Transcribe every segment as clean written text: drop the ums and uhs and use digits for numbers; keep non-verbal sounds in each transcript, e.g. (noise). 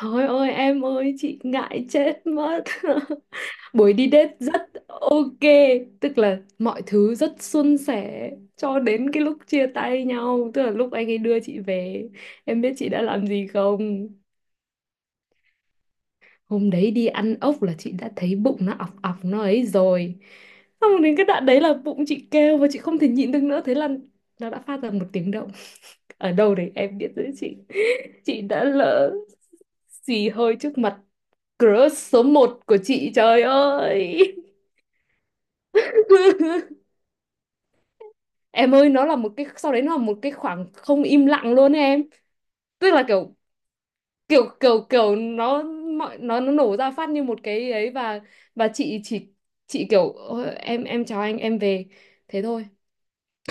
Thôi ơi, em ơi, chị ngại chết mất. (laughs) Buổi đi date rất ok. Tức là mọi thứ rất suôn sẻ. Cho đến cái lúc chia tay nhau, tức là lúc anh ấy đưa chị về. Em biết chị đã làm gì không? Hôm đấy đi ăn ốc là chị đã thấy bụng nó ọc ọc nó ấy rồi. Xong đến cái đoạn đấy là bụng chị kêu, và chị không thể nhịn được nữa. Thế là nó đã phát ra một tiếng động. (laughs) Ở đâu đấy em biết đấy chị đã lỡ xì hơi trước mặt crush số một của chị, trời ơi. (laughs) Em ơi, nó là một cái, sau đấy nó là một cái khoảng không im lặng luôn ấy, em. Tức là kiểu kiểu kiểu kiểu nó, nó nổ ra phát như một cái ấy, và chị chỉ, chị kiểu "Ôi, em chào anh, em về." Thế thôi.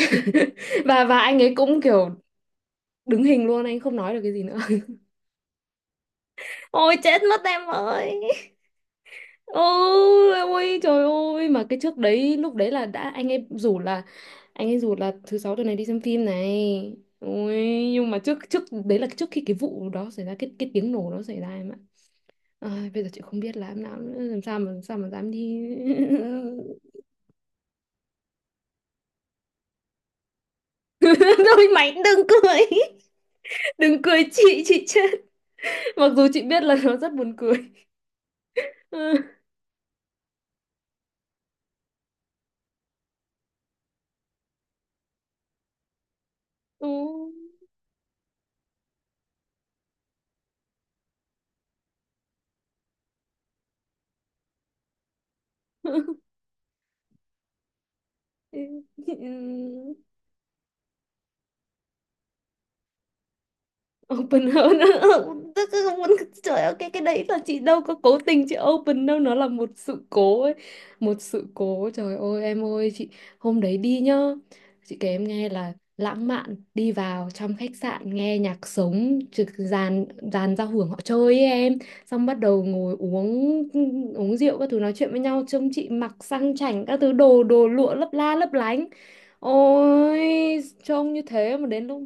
(laughs) Và anh ấy cũng kiểu đứng hình luôn, anh không nói được cái gì nữa. (laughs) Ôi chết mất em ơi. Ôi, ôi trời ơi, mà cái trước đấy lúc đấy là đã, anh ấy rủ là thứ sáu tuần này đi xem phim này, ôi. Nhưng mà trước trước đấy là trước khi cái vụ đó xảy ra, cái tiếng nổ đó xảy ra, em ạ. Ai, bây giờ chị không biết là em nào nữa, làm sao mà dám đi. (laughs) Thôi mày đừng cười, chị chết. Mặc dù chị biết là nó rất buồn cười. (laughs) Ừ. (laughs) Open hơn. (laughs) Ừ, tức là muốn, trời ơi, cái đấy là chị đâu có cố tình chị open đâu, nó là một sự cố ấy. Một sự cố, trời ơi em ơi, chị hôm đấy đi nhá, chị kể em nghe là lãng mạn, đi vào trong khách sạn nghe nhạc sống trực, dàn dàn giao hưởng họ chơi ấy em. Xong bắt đầu ngồi uống uống rượu các thứ, nói chuyện với nhau, trông chị mặc sang chảnh các thứ đồ đồ lụa lấp la lấp lánh. Ôi, trông như thế mà đến lúc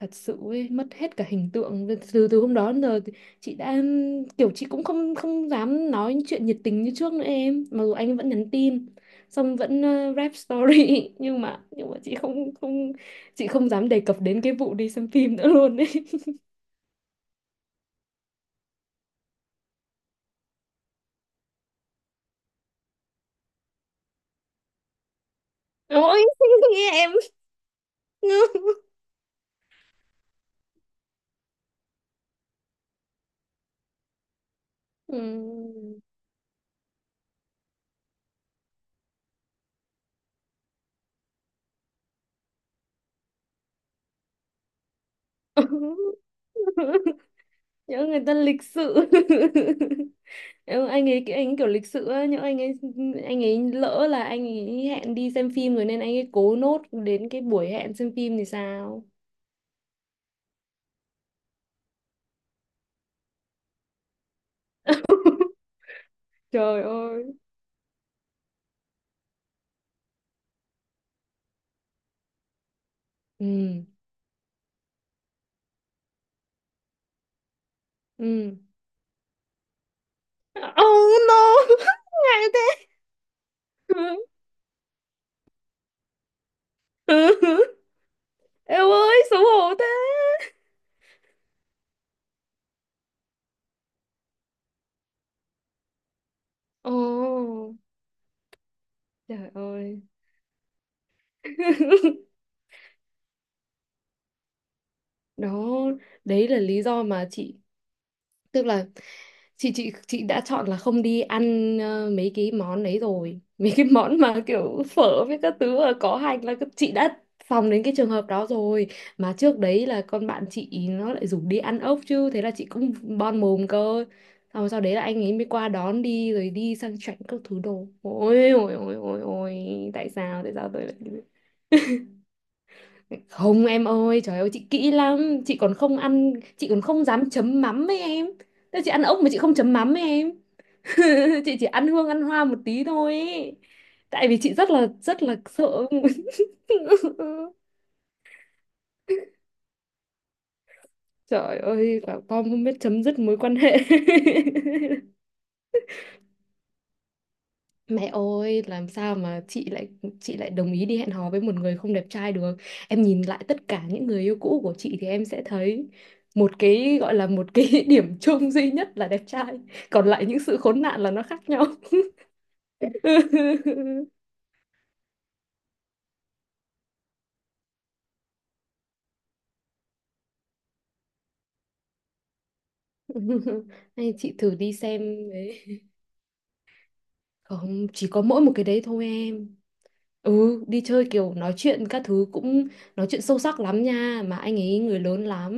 thật sự ấy, mất hết cả hình tượng. Từ từ hôm đó đến giờ thì chị đã, kiểu chị cũng không không dám nói những chuyện nhiệt tình như trước nữa em, mặc dù anh vẫn nhắn tin, xong vẫn rap story. (laughs) Nhưng mà chị không, không, chị không dám đề cập đến cái vụ đi xem phim nữa luôn ấy. (laughs) Ôi. (laughs) Nghe em. (laughs) Ừ. (laughs) Nhớ người ta lịch sự. (laughs) Ừ, anh ấy kiểu lịch sự ấy, nhưng anh ấy lỡ là anh ấy hẹn đi xem phim rồi nên anh ấy cố nốt đến cái buổi hẹn xem phim thì sao. Trời ơi. Ừ, ừ. Oh no. (laughs) Ngại thế. Ừ. (laughs) Em ơi xấu hổ thế. Ồ, trời ơi. (laughs) Đó, đấy là lý do mà chị, tức là chị đã chọn là không đi ăn mấy cái món đấy rồi. (laughs) Mấy cái món mà kiểu phở với các thứ mà có hành là chị đã phòng đến cái trường hợp đó rồi. Mà trước đấy là con bạn chị ý nó lại rủ đi ăn ốc chứ, thế là chị cũng bon mồm cơ. Xong rồi sau đấy là anh ấy mới qua đón đi, rồi đi sang chảnh các thứ đồ, ôi ôi ôi ôi ôi. Tại sao, tại sao tôi lại như thế? Không em ơi, trời ơi, chị kỹ lắm, chị còn không ăn, chị còn không dám chấm mắm với em. Thế chị ăn ốc mà chị không chấm mắm với em. (laughs) Chị chỉ ăn hương ăn hoa một tí thôi ý. Tại vì chị rất là sợ. (laughs) Trời ơi bảo tom không biết chấm dứt mối quan hệ. (laughs) Mẹ ơi, làm sao mà chị lại, đồng ý đi hẹn hò với một người không đẹp trai được. Em nhìn lại tất cả những người yêu cũ của chị thì em sẽ thấy một cái gọi là, một cái (laughs) điểm chung duy nhất là đẹp trai. Còn lại những sự khốn nạn là nó khác nhau. (laughs) Hay chị thử đi xem đấy. Không, chỉ có mỗi một cái đấy thôi em. Ừ, đi chơi kiểu nói chuyện các thứ cũng nói chuyện sâu sắc lắm nha, mà anh ấy người lớn lắm.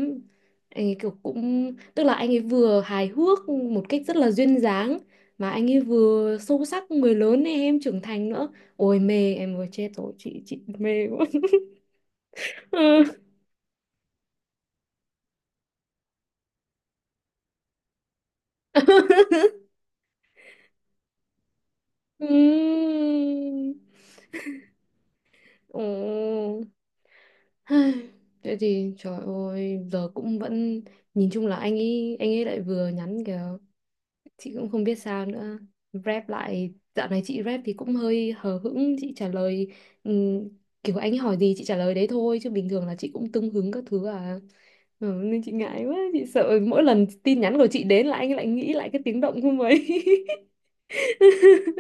Anh ấy kiểu cũng, tức là anh ấy vừa hài hước một cách rất là duyên dáng, mà anh ấy vừa sâu sắc người lớn này em, trưởng thành nữa. Ôi mê, em vừa chết rồi chị mê quá. (laughs) Ừ. (laughs) Ừm. Ừ. Ai, thế thì trời ơi giờ cũng vẫn, nhìn chung là anh ấy lại vừa nhắn kìa, chị cũng không biết sao nữa, rep lại dạo này chị rep thì cũng hơi hờ hững chị trả lời, ừm, kiểu anh ấy hỏi gì chị trả lời đấy thôi, chứ bình thường là chị cũng tưng hứng các thứ à. Ừ, nên chị ngại quá, chị sợ mỗi lần tin nhắn của chị đến là anh ấy lại nghĩ lại cái tiếng động không ấy. (laughs)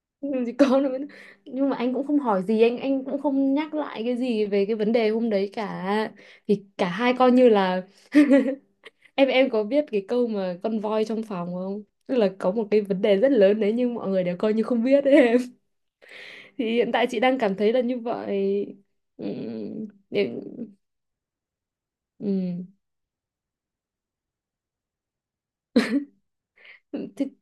(laughs) Ừ, thì con nó mới- nhưng mà anh cũng không hỏi gì, anh cũng không nhắc lại cái gì về cái vấn đề hôm đấy cả, thì cả hai coi như là, em có biết cái câu mà con voi trong phòng không? Tức là có một cái vấn đề rất lớn đấy nhưng mọi người đều coi như không biết ấy em. (laughs) Thì hiện tại chị đang cảm thấy là như vậy. Ừ, để, ừ. Thì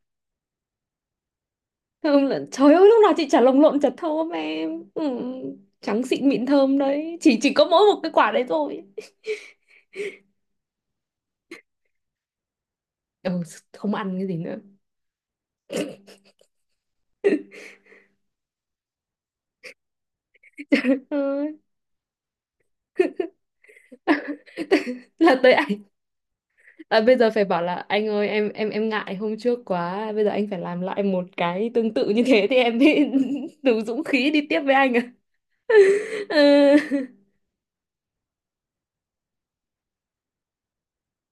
thơm là, trời ơi lúc nào chị chả lồng lộn chả thơm em. Ừ. Trắng xịn mịn thơm đấy, chỉ có mỗi một cái quả đấy thôi. Ừ, không ăn cái gì nữa. Ừ. Là tới anh. À, bây giờ phải bảo là anh ơi em, em ngại hôm trước quá, bây giờ anh phải làm lại một cái tương tự như thế thì em mới (laughs) đủ dũng khí đi tiếp với anh à. Ừ.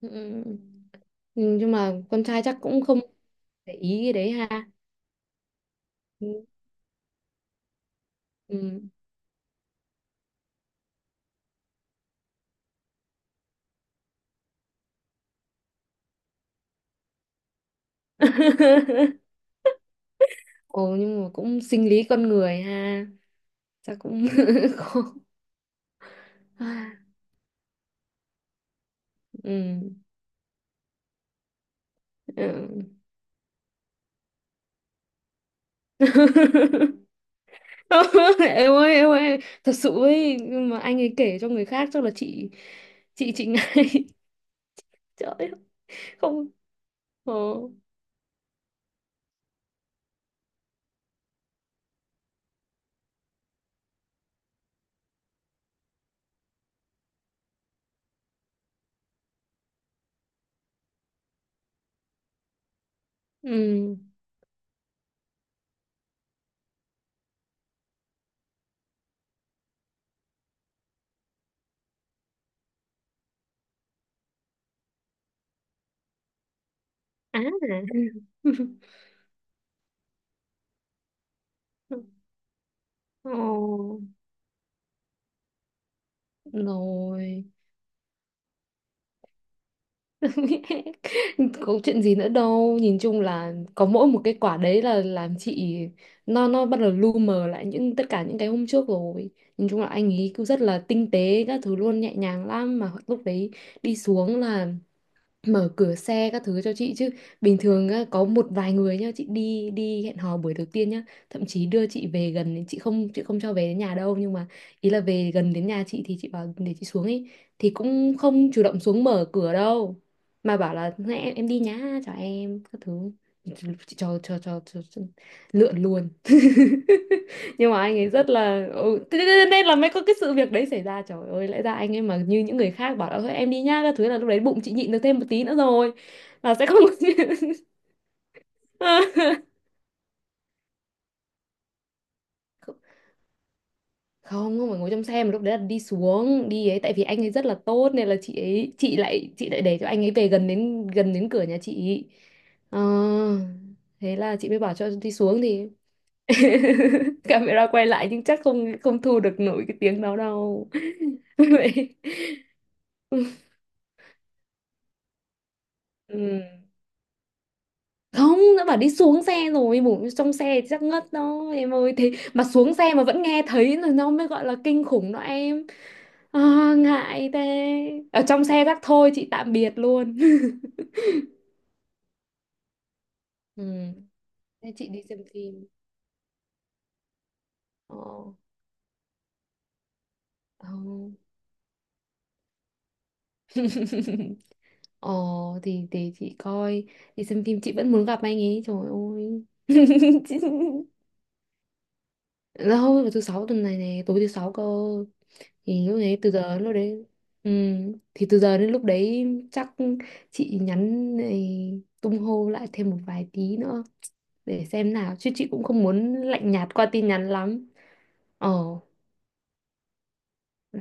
Ừ. Nhưng mà con trai chắc cũng không để ý cái đấy ha. Ừ. Ừ. (laughs) Ồ, nhưng mà cũng sinh lý con người ha. Chắc cũng (laughs) khó. Ừ. Ừ. (laughs) (laughs) Em ơi, em ơi, thật sự ấy, nhưng mà anh ấy kể cho người khác chắc là chị ngay. (laughs) Trời ơi. Không. Ờ. Ừ. Á à. (laughs) Ờ. Rồi. (laughs) Có chuyện gì nữa đâu, nhìn chung là có mỗi một cái quả đấy là làm chị, nó bắt đầu lu mờ lại những, tất cả những cái hôm trước rồi. Nhìn chung là anh ấy cứ rất là tinh tế các thứ luôn, nhẹ nhàng lắm, mà lúc đấy đi xuống là mở cửa xe các thứ cho chị chứ. Bình thường á, có một vài người nhá, chị đi, hẹn hò buổi đầu tiên nhá, thậm chí đưa chị về chị không, cho về đến nhà đâu, nhưng mà ý là về gần đến nhà chị thì chị bảo để chị xuống ấy, thì cũng không chủ động xuống mở cửa đâu, mà bảo là "Này, em đi nhá, chào em các thứ." Chị cho lượn luôn. (laughs) Nhưng mà anh ấy rất là, thế thế- thế nên là mới có cái sự việc đấy xảy ra, trời ơi, lẽ ra anh ấy mà như những người khác bảo là thôi em đi nhá các thứ là lúc đấy bụng chị nhịn được thêm một tí nữa rồi, là sẽ không. (laughs) Không, không phải ngồi trong xe, mà lúc đấy là đi xuống đi ấy, tại vì anh ấy rất là tốt nên là chị lại để cho anh ấy về gần đến cửa nhà chị. Ờ, thế là chị mới bảo cho đi xuống thì (laughs) camera quay lại nhưng chắc không không thu được nổi cái tiếng đó đâu. (laughs) Vậy. Ừ. Không, đã bảo đi xuống xe rồi, bổ trong xe thì chắc ngất đó em ơi, thế mà xuống xe mà vẫn nghe thấy là nó mới gọi là kinh khủng đó em. À, ngại thế, ở trong xe chắc thôi chị tạm biệt luôn. (laughs) Ừ. Thế chị đi xem phim. Ờ, ờ. (laughs) Ờ, thì để chị coi, đi xem phim chị vẫn muốn gặp anh ấy, trời ơi. (laughs) Chị... đâu vào thứ sáu tuần này nè, tối thứ sáu cơ. Thì lúc đấy từ giờ đến lúc đấy, ừ, thì từ giờ đến lúc đấy chắc chị nhắn này, tung hô lại thêm một vài tí nữa, để xem nào chứ chị cũng không muốn lạnh nhạt qua tin nhắn lắm. Ờ. Ừ,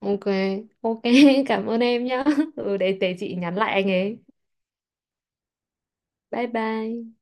ok. Ok. (laughs) Cảm ơn em nhá. Ừ, để chị nhắn lại anh ấy. Bye bye.